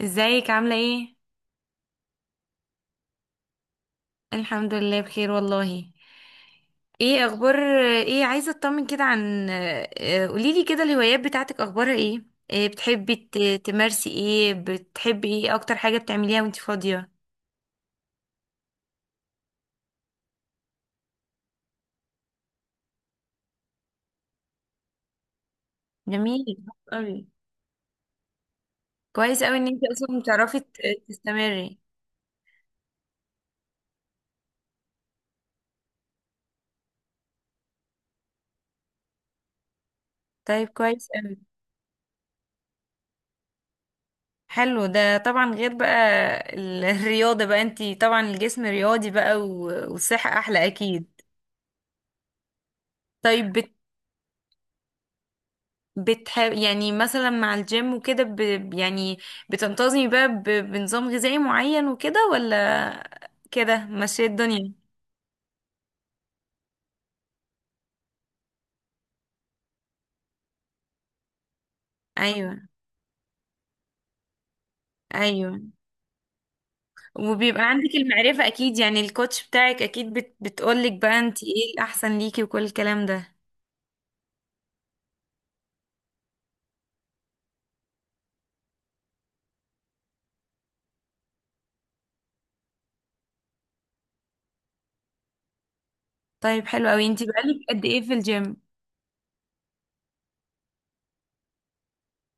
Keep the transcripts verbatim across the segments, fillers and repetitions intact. ازيك عاملة ايه؟ الحمد لله بخير والله. ايه اخبار؟ ايه، عايزة اطمن كده عن اه، قوليلي كده الهوايات بتاعتك اخبارها ايه؟ ايه بتحبي ت- تمارسي ايه؟ بتحبي ايه اكتر حاجة بتعمليها وانتي فاضية؟ جميل قوي. كويس قوي ان انتي اصلا بتعرفي ت- تستمري. طيب، كويس قوي. حلو ده طبعا، غير بقى ال- الرياضة بقى، انتي طبعا الجسم رياضي بقى و- والصحة احلى اكيد. طيب. بتحب يعني مثلا مع الجيم وكده ب... يعني بتنتظمي بقى ب... بنظام غذائي معين وكده، ولا كده ماشية الدنيا؟ ايوه، ايوه. وبيبقى عندك المعرفة اكيد، يعني الكوتش بتاعك اكيد بت... بتقولك بقى انت ايه الاحسن ليكي وكل الكلام ده. طيب، حلو قوي. انت بقالك قد ايه في الجيم؟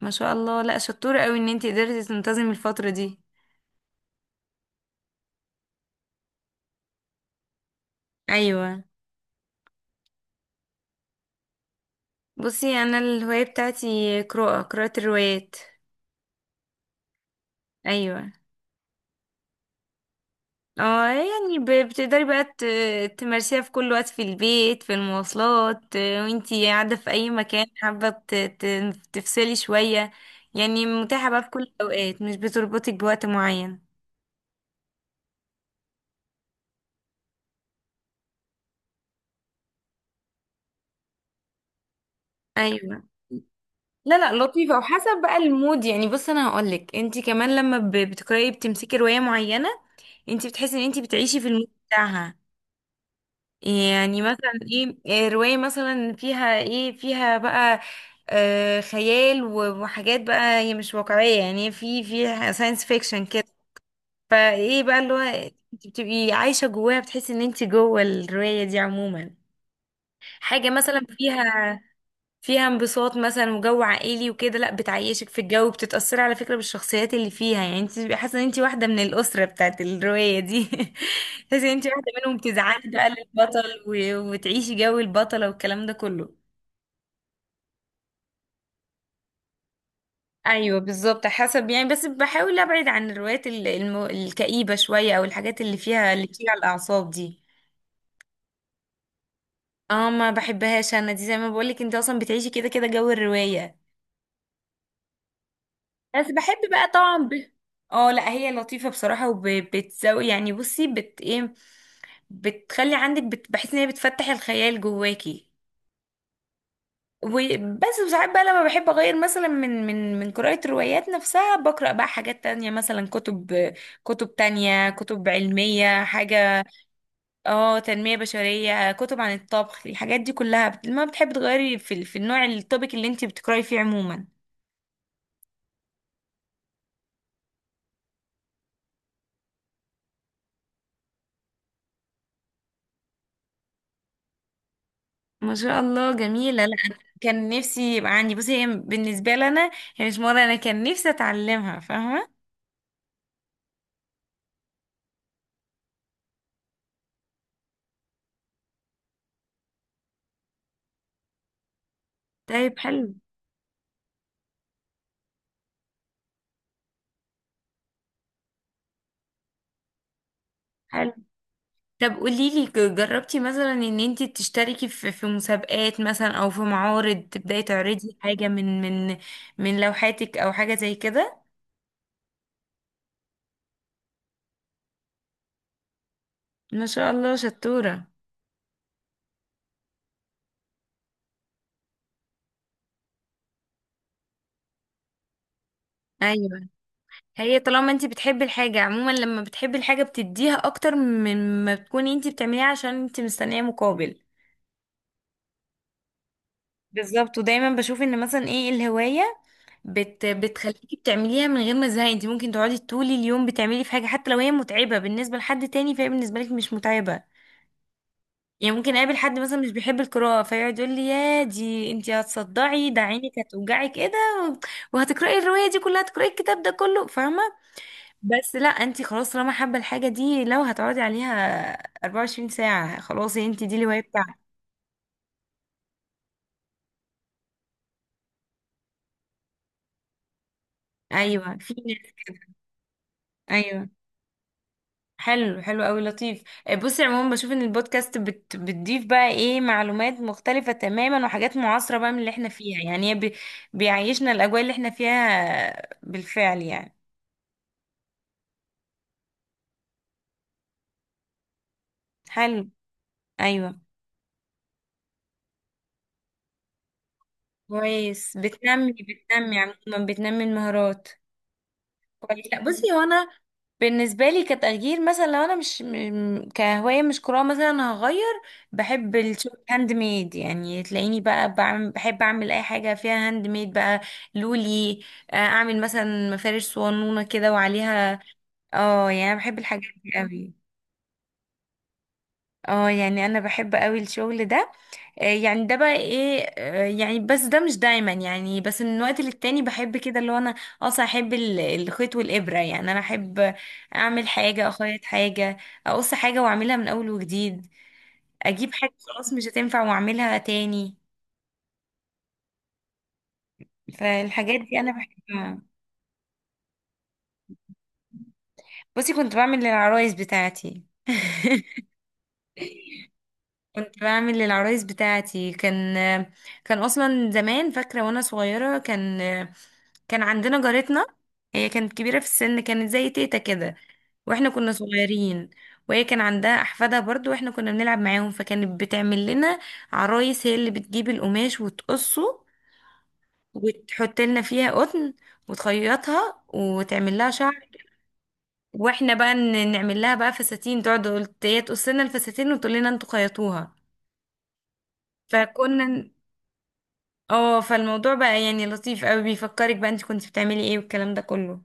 ما شاء الله، لا شطورة قوي ان انت قدرتي تنتظمي الفترة دي. ايوه، بصي انا الهواية بتاعتي قراءة قراءة الروايات. ايوه. اه يعني ب- بتقدري بقى ت- تمارسيها في كل وقت، في البيت، في المواصلات، آه، وانتي قاعدة في أي مكان حابة ت- ت- تفصلي شوية. يعني متاحة بقى في كل الأوقات، مش بتربطك بوقت معين. أيوة. لا لا، لطيفة وحسب بقى المود. يعني بص، أنا هقولك، انتي كمان لما ب- بتقرأي بتمسكي رواية معينة، انتي بتحسي ان انتي بتعيشي في المود بتاعها. يعني مثلا ايه، إيه رواية مثلا فيها ايه، فيها بقى آه خيال و- وحاجات بقى هي مش واقعية، يعني في في ساينس فيكشن كده. فايه بقى اللي هو انت بتبقي عايشة جواها، بتحسي ان انت جوه الرواية دي عموما، حاجة مثلا فيها، فيها انبساط مثلا وجو عائلي وكده. لا، بتعيشك في الجو، بتتأثري على فكرة بالشخصيات اللي فيها، يعني انت بتبقي حاسة ان انت واحدة من الأسرة بتاعت الرواية دي. تحسي ان انت واحدة منهم، تزعلي بقى للبطل و- وتعيشي جو البطلة والكلام ده كله. ايوه بالظبط، حسب يعني. بس بحاول ابعد عن الروايات ال- الم... الكئيبة شوية، او الحاجات اللي فيها اللي بتيجي على الأعصاب دي. اه، ما بحبهاش انا دي. زي ما بقولك، انت اصلا بتعيشي كده كده جو الرواية. بس بحب بقى طبعا ب... اه لا، هي لطيفة بصراحة، وبتزوي يعني. بصي، بت ايه، بتخلي عندك بت... بحس ان هي بتفتح الخيال جواكي. وبس، وساعات بقى لما بحب اغير مثلا من من من قراءة الروايات نفسها، بقرأ بقى حاجات تانية، مثلا كتب، كتب تانية، كتب علمية، حاجة. اه، تنمية بشرية، كتب عن الطبخ، الحاجات دي كلها. بت- ما بتحب تغيري في ال- في النوع، التوبيك اللي انت بتقرأي فيه عموما. ما شاء الله جميلة. لا أنا كان نفسي يبقى عندي، بصي هي بالنسبة لنا، هي مش مرة. أنا كان نفسي أتعلمها فاهمة. طيب، حلو حلو. طب قوليلي ك- جربتي مثلا ان انتي تشتركي في في مسابقات مثلا، او في معارض تبداي تعرضي حاجة من من من لوحاتك او حاجة زي كده؟ ما شاء الله شطورة. ايوه، هي طالما انتي بتحبي الحاجة عموما، لما بتحبي الحاجة بتديها اكتر من ما بتكوني انتي بتعمليها عشان انتي مستنية مقابل. بالظبط. ودايما بشوف ان مثلا ايه الهواية بت بتخليكي بتعمليها من غير ما تزهقي. انت ممكن تقعدي طول اليوم بتعملي في حاجه، حتى لو هي متعبه بالنسبه لحد تاني فهي بالنسبه لك مش متعبه. يعني ممكن اقابل حد مثلا مش بيحب القراءه، فيقعد يقول لي، يا دي انت هتصدعي، ده عينك هتوجعك، ايه ده، وهتقراي الروايه دي كلها، هتقراي الكتاب ده كله، فاهمه؟ بس لا، انت خلاص طالما حابه الحاجه دي، لو هتقعدي عليها أربعة وعشرين ساعه خلاص، انت دي الهوايه بتاعتك. ايوه، في ناس- ايوه. حلو، حلو قوي، لطيف. آه، بصي عموما بشوف ان البودكاست بت بتضيف بقى ايه معلومات مختلفة تماما، وحاجات معاصرة بقى من اللي احنا فيها. يعني هي بي بيعيشنا الاجواء اللي احنا فيها بالفعل يعني. حلو. ايوه، كويس، بتنمي بتنمي عموما، بتنمي المهارات. كويس. لا بصي، هو انا بالنسبة لي كتغيير مثلا، لو انا مش م- كهواية مش قراءة مثلا، انا هغير. بحب الشغل هاند ميد، يعني تلاقيني بقى بعمل، بحب اعمل اي حاجة فيها هاند ميد بقى. لولي. آه، اعمل مثلا مفارش صوانونة كده وعليها. اه يعني انا بحب الحاجات دي قوي. اه يعني انا بحب قوي الشغل ده. آه، يعني ده بقى ايه، آه، يعني بس ده مش دايما، يعني بس من وقت للتاني بحب كده. اللي هو انا اصلا احب ال- الخيط والابره، يعني انا احب اعمل حاجه، اخيط حاجه، اقص حاجه واعملها من اول وجديد، اجيب حاجه خلاص مش هتنفع واعملها تاني. فالحاجات دي انا بحبها. بصي كنت بعمل للعرايس بتاعتي. كنت بعمل للعرايس بتاعتي. كان كان اصلا زمان، فاكره وانا صغيره كان كان عندنا جارتنا. هي كانت كبيره في السن، كانت زي تيتا كده، واحنا كنا صغيرين، وهي كان عندها احفادها برضو، واحنا كنا بنلعب معاهم، فكانت بتعمل لنا عرايس. هي اللي بتجيب القماش وتقصه، وتحط لنا فيها قطن، وتخيطها، وتعمل لها شعر. واحنا بقى ن- نعمل لها بقى فساتين. تقعد تقول، هي تقص لنا الفساتين وتقول لنا انتوا خيطوها. فكنا اه، فالموضوع بقى يعني لطيف قوي، بيفكرك بقى انت كنت بتعملي ايه والكلام ده كله.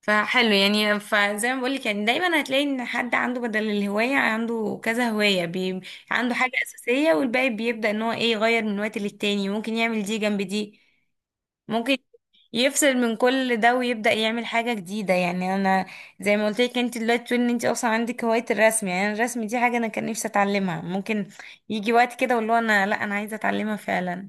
فحلو يعني. فزي ما بقولك، يعني دايما هتلاقي ان حد عنده بدل الهواية عنده كذا هواية بي... عنده حاجة أساسية، والباقي بيبدأ ان هو ايه، يغير من وقت للتاني. ممكن يعمل دي جنب دي، ممكن يفصل من كل ده ويبدأ يعمل حاجة جديدة. يعني انا زي ما قلت لك، انت دلوقتي تقولي ان انت اصلا عندك هواية الرسم، يعني أنا الرسم دي حاجة انا كان نفسي اتعلمها. ممكن يجي وقت كده واللي هو انا لا انا عايزة اتعلمها فعلا.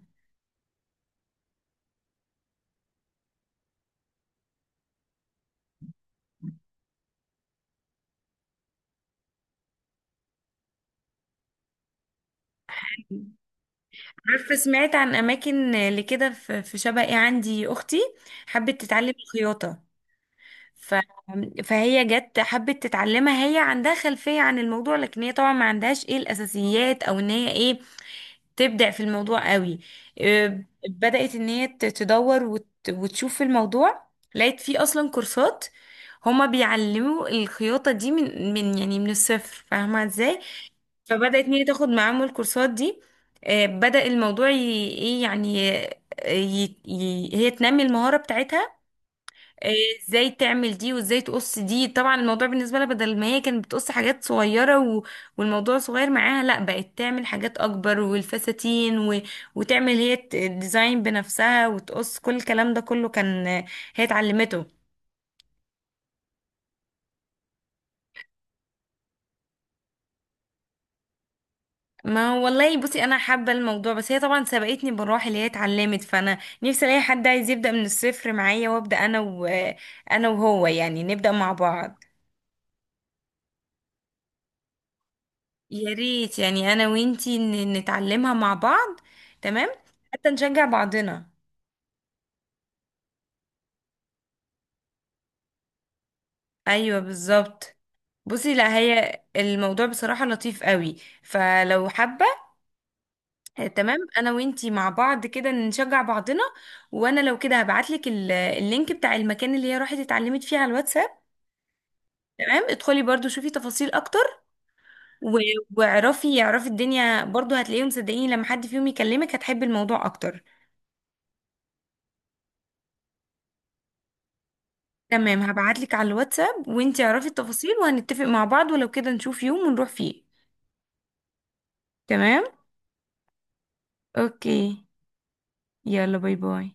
عارفة سمعت عن أماكن لكده. في في شبقي، عندي أختي حبت تتعلم الخياطة. ف... فهي جت حبت تتعلمها. هي عندها خلفية عن الموضوع، لكن هي طبعا ما عندهاش ايه الأساسيات، أو إن هي ايه تبدع في الموضوع قوي. إيه، بدأت إن هي ت- تدور وت... وتشوف في الموضوع. لقيت فيه أصلا كورسات. هما بيعلموا الخياطة دي من من يعني من الصفر، فاهمة ازاي؟ فبدأت ميري تاخد معاهم الكورسات دي. آه، بدأ الموضوع ي- ايه يعني، آه، ي- ي- هي تنمي المهارة بتاعتها. آه، ازاي تعمل دي، وازاي تقص دي. طبعا الموضوع بالنسبة لها، بدل ما هي كانت بتقص حاجات صغيرة و- والموضوع صغير معاها، لا بقت تعمل حاجات اكبر، والفساتين و- وتعمل هي الديزاين بنفسها، وتقص كل الكلام ده كله. كان آه، هي اتعلمته. ما والله، بصي انا حابه الموضوع، بس هي طبعا سبقتني بالروح اللي هي اتعلمت، فانا نفسي الاقي حد عايز يبدا من الصفر معايا، وابدا انا و... انا وهو، يعني نبدا مع بعض. يا ريت يعني انا وانتي ن- نتعلمها مع بعض. تمام، حتى نشجع بعضنا. ايوه بالظبط. بصي لا، هي الموضوع بصراحه لطيف قوي. فلو حابه آه، تمام، انا وانتي مع بعض كده نشجع بعضنا. وانا لو كده هبعتلك ال- اللينك بتاع المكان اللي هي راحت اتعلمت فيه على الواتساب. تمام، ادخلي برضو شوفي تفاصيل اكتر و... واعرفي اعرفي الدنيا برضو، هتلاقيهم. صدقيني، لما حد فيهم يكلمك هتحبي الموضوع اكتر. تمام، هبعتلك على الواتساب، وانتي اعرفي التفاصيل، وهنتفق مع بعض، ولو كده نشوف يوم ونروح فيه. تمام. اوكي. يلا، باي باي.